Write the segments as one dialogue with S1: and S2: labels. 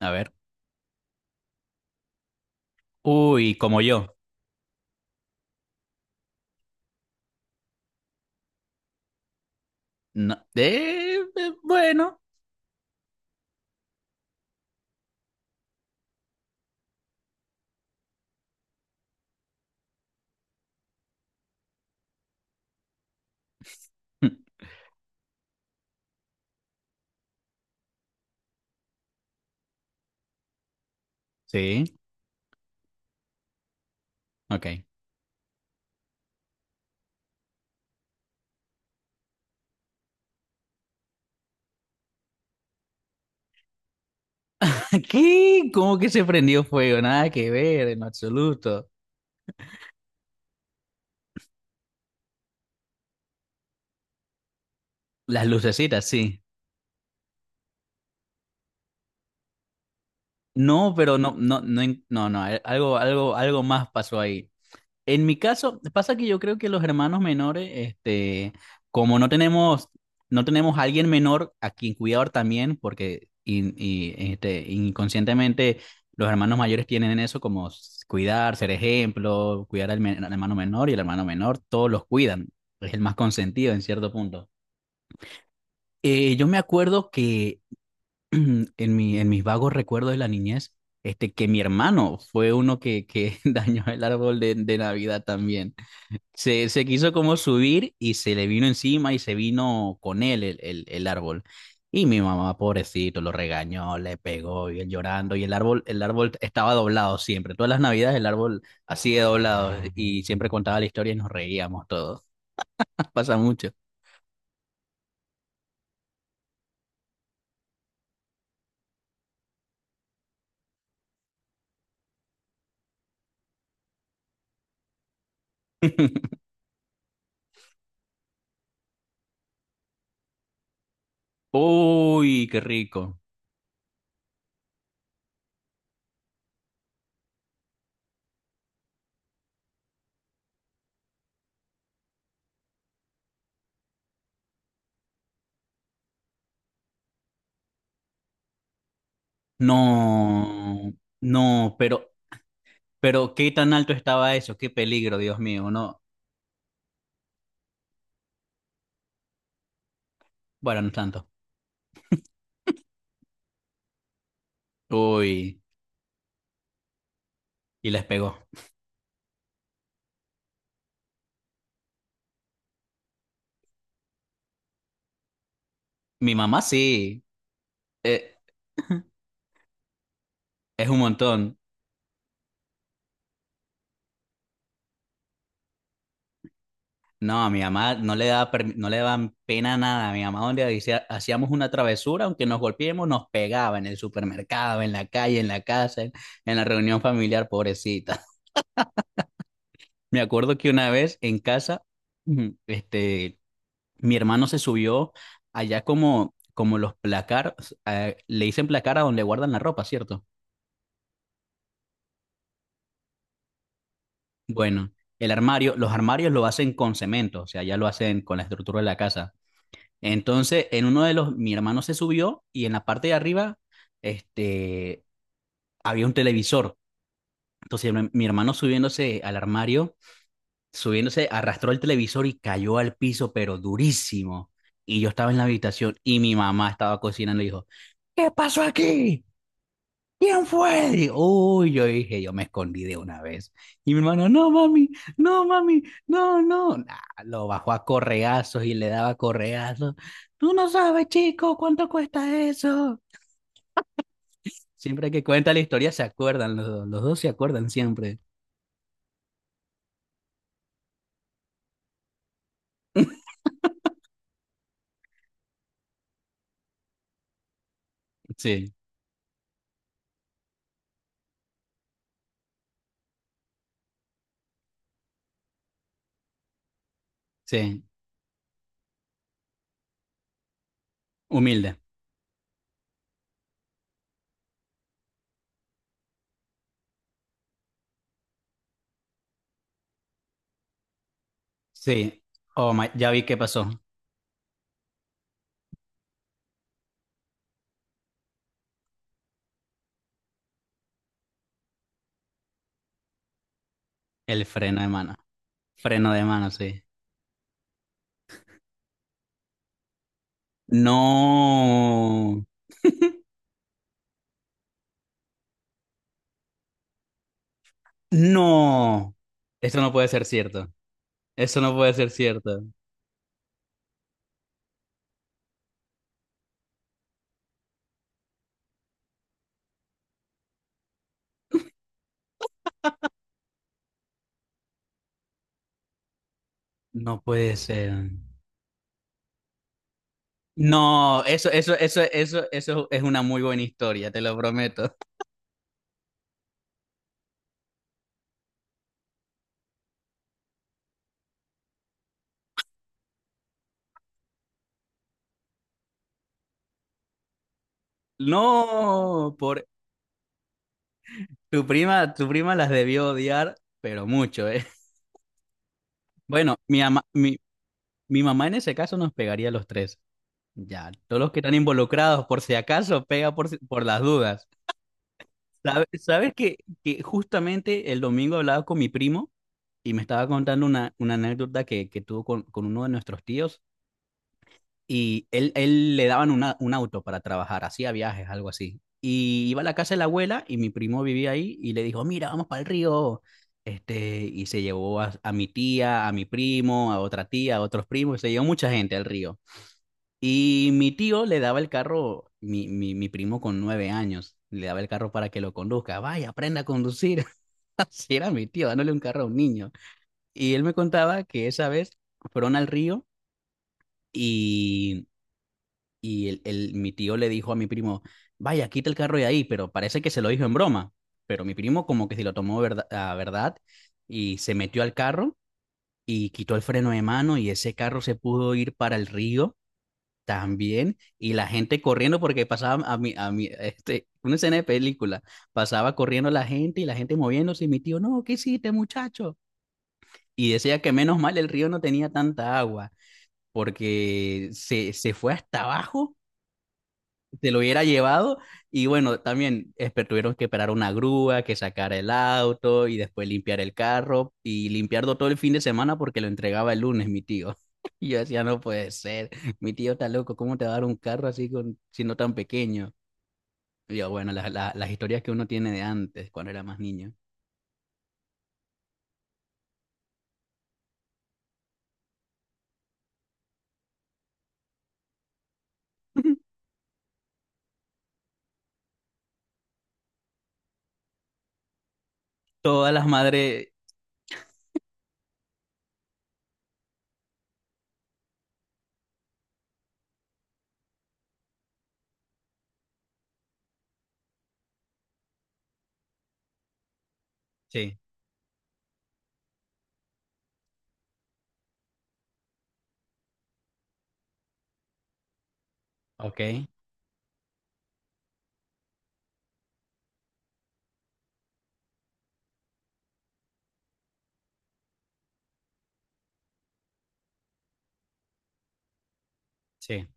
S1: A ver. Uy, como yo. No. Bueno. Sí, ok. ¿Qué? ¿Cómo que se prendió fuego? Nada que ver, en absoluto. Las lucecitas, sí. No, pero no, no, no, no, no, algo más pasó ahí. En mi caso, pasa que yo creo que los hermanos menores, este, como no tenemos, a alguien menor a quien cuidar también, porque y, este, inconscientemente los hermanos mayores tienen eso como cuidar, ser ejemplo, cuidar al hermano menor y el hermano menor, todos los cuidan, es el más consentido en cierto punto. Yo me acuerdo que en mis vagos recuerdos de la niñez, este, que mi hermano fue uno que dañó el árbol de Navidad también. Se quiso como subir y se le vino encima y se vino con él el árbol. Y mi mamá, pobrecito, lo regañó, le pegó y él llorando. Y el árbol estaba doblado siempre. Todas las navidades el árbol así de doblado. Y siempre contaba la historia y nos reíamos todos. Pasa mucho. Uy, qué rico. No, no, pero qué tan alto estaba eso, qué peligro, Dios mío. No, bueno, no tanto. Uy, y les pegó. Mi mamá sí. Eh, Es un montón. No, a mi mamá no le daba, no le daban pena nada. A mi mamá donde hacíamos una travesura, aunque nos golpeemos, nos pegaba en el supermercado, en la calle, en la casa, en la reunión familiar, pobrecita. Me acuerdo que una vez en casa, este, mi hermano se subió allá como, como los placar, le dicen placar a donde guardan la ropa, ¿cierto? Bueno, el armario, los armarios lo hacen con cemento, o sea, ya lo hacen con la estructura de la casa. Entonces, en uno de los, mi hermano se subió y en la parte de arriba, este, había un televisor. Entonces, mi hermano subiéndose al armario, subiéndose, arrastró el televisor y cayó al piso, pero durísimo. Y yo estaba en la habitación y mi mamá estaba cocinando y dijo, ¿qué pasó aquí? ¿Quién fue? Y, uy, yo dije, yo me escondí de una vez. Y mi hermano, no, mami, no, mami, no, no. Nah, lo bajó a correazos y le daba correazos. Tú no sabes, chico, cuánto cuesta eso. Siempre que cuenta la historia se acuerdan, los dos se acuerdan siempre. Sí, sí, humilde. Sí, oh my, ya vi qué pasó. El freno de mano. Freno de mano, sí. No, no. Esto no puede ser cierto. Eso no puede ser cierto. No puede ser. No, eso es una muy buena historia, te lo prometo. No, tu prima las debió odiar, pero mucho, ¿eh? Bueno, mi mamá en ese caso nos pegaría a los tres. Ya, todos los que están involucrados, por si acaso, pega por, si- por las dudas. ¿Sabes que justamente el domingo hablaba con mi primo y me estaba contando una anécdota que tuvo con uno de nuestros tíos? Y él le daban un auto para trabajar, hacía viajes, algo así. Y iba a la casa de la abuela y mi primo vivía ahí y le dijo, mira, vamos para el río. Este, y se llevó a mi tía, a mi primo, a otra tía, a otros primos, se llevó mucha gente al río. Y mi tío le daba el carro, mi primo con 9 años, le daba el carro para que lo conduzca. Vaya, aprenda a conducir. Así era mi tío, dándole un carro a un niño. Y él me contaba que esa vez fueron al río y mi tío le dijo a mi primo, vaya, quita el carro de ahí, pero parece que se lo dijo en broma. Pero mi primo como que se lo tomó a verdad y se metió al carro y quitó el freno de mano y ese carro se pudo ir para el río también. Y la gente corriendo porque pasaba a mí, este, una escena de película, pasaba corriendo la gente y la gente moviéndose y mi tío, no, ¿qué hiciste, muchacho? Y decía que menos mal el río no tenía tanta agua porque se fue hasta abajo, se lo hubiera llevado y bueno, también tuvieron que esperar una grúa, que sacara el auto y después limpiar el carro y limpiarlo todo el fin de semana porque lo entregaba el lunes mi tío. Y yo decía, no puede ser, mi tío está loco, ¿cómo te va a dar un carro así con, siendo tan pequeño? Y yo, bueno, las historias que uno tiene de antes, cuando era más niño. Todas las madres, sí, ok, sí.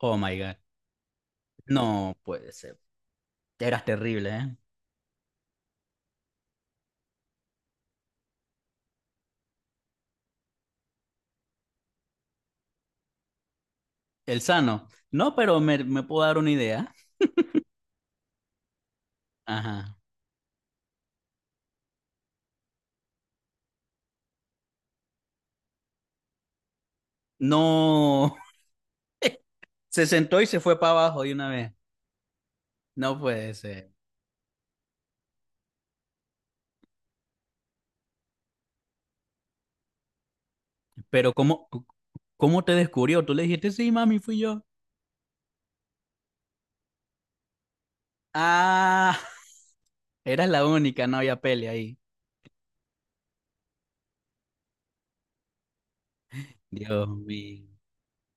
S1: Oh my God. No puede ser. Eras terrible, ¿eh? El sano. No, pero me puedo dar una idea. Ajá. No, se sentó y se fue para abajo de una vez. No puede ser. Pero ¿cómo te descubrió? Tú le dijiste, sí, mami, fui yo. Ah, eras la única, no había pele ahí. Dios mío,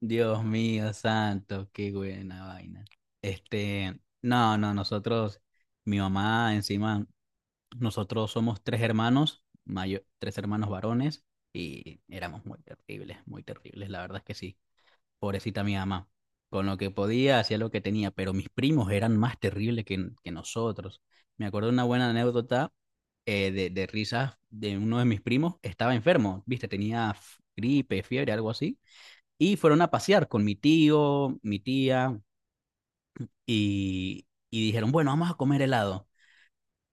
S1: Dios mío, santo, qué buena vaina. Este, no, no, mi mamá, encima, nosotros somos tres hermanos, tres hermanos varones, y éramos muy terribles, la verdad es que sí. Pobrecita mi mamá. Con lo que podía, hacía lo que tenía, pero mis primos eran más terribles que nosotros. Me acuerdo de una buena anécdota de risas de uno de mis primos. Estaba enfermo, viste, tenía gripe, fiebre, algo así. Y fueron a pasear con mi tío, mi tía, y dijeron, bueno, vamos a comer helado.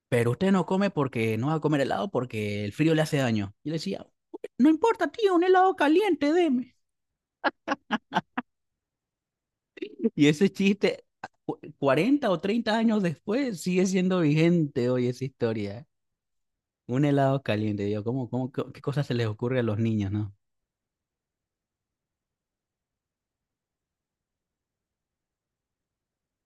S1: Pero usted no come porque no va a comer helado porque el frío le hace daño. Y yo le decía, no importa, tío, un helado caliente, deme. Y ese chiste, 40 o 30 años después, sigue siendo vigente hoy esa historia. Un helado caliente, yo, ¿cómo, qué cosas se les ocurre a los niños, no?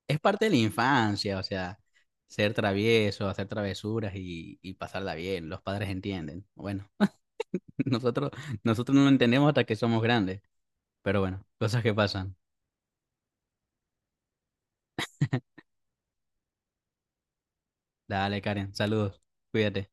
S1: Es parte de la infancia, o sea, ser travieso, hacer travesuras y pasarla bien, los padres entienden. Bueno, nosotros, nosotros no lo entendemos hasta que somos grandes, pero bueno, cosas que pasan. Dale, Karen, saludos, cuídate.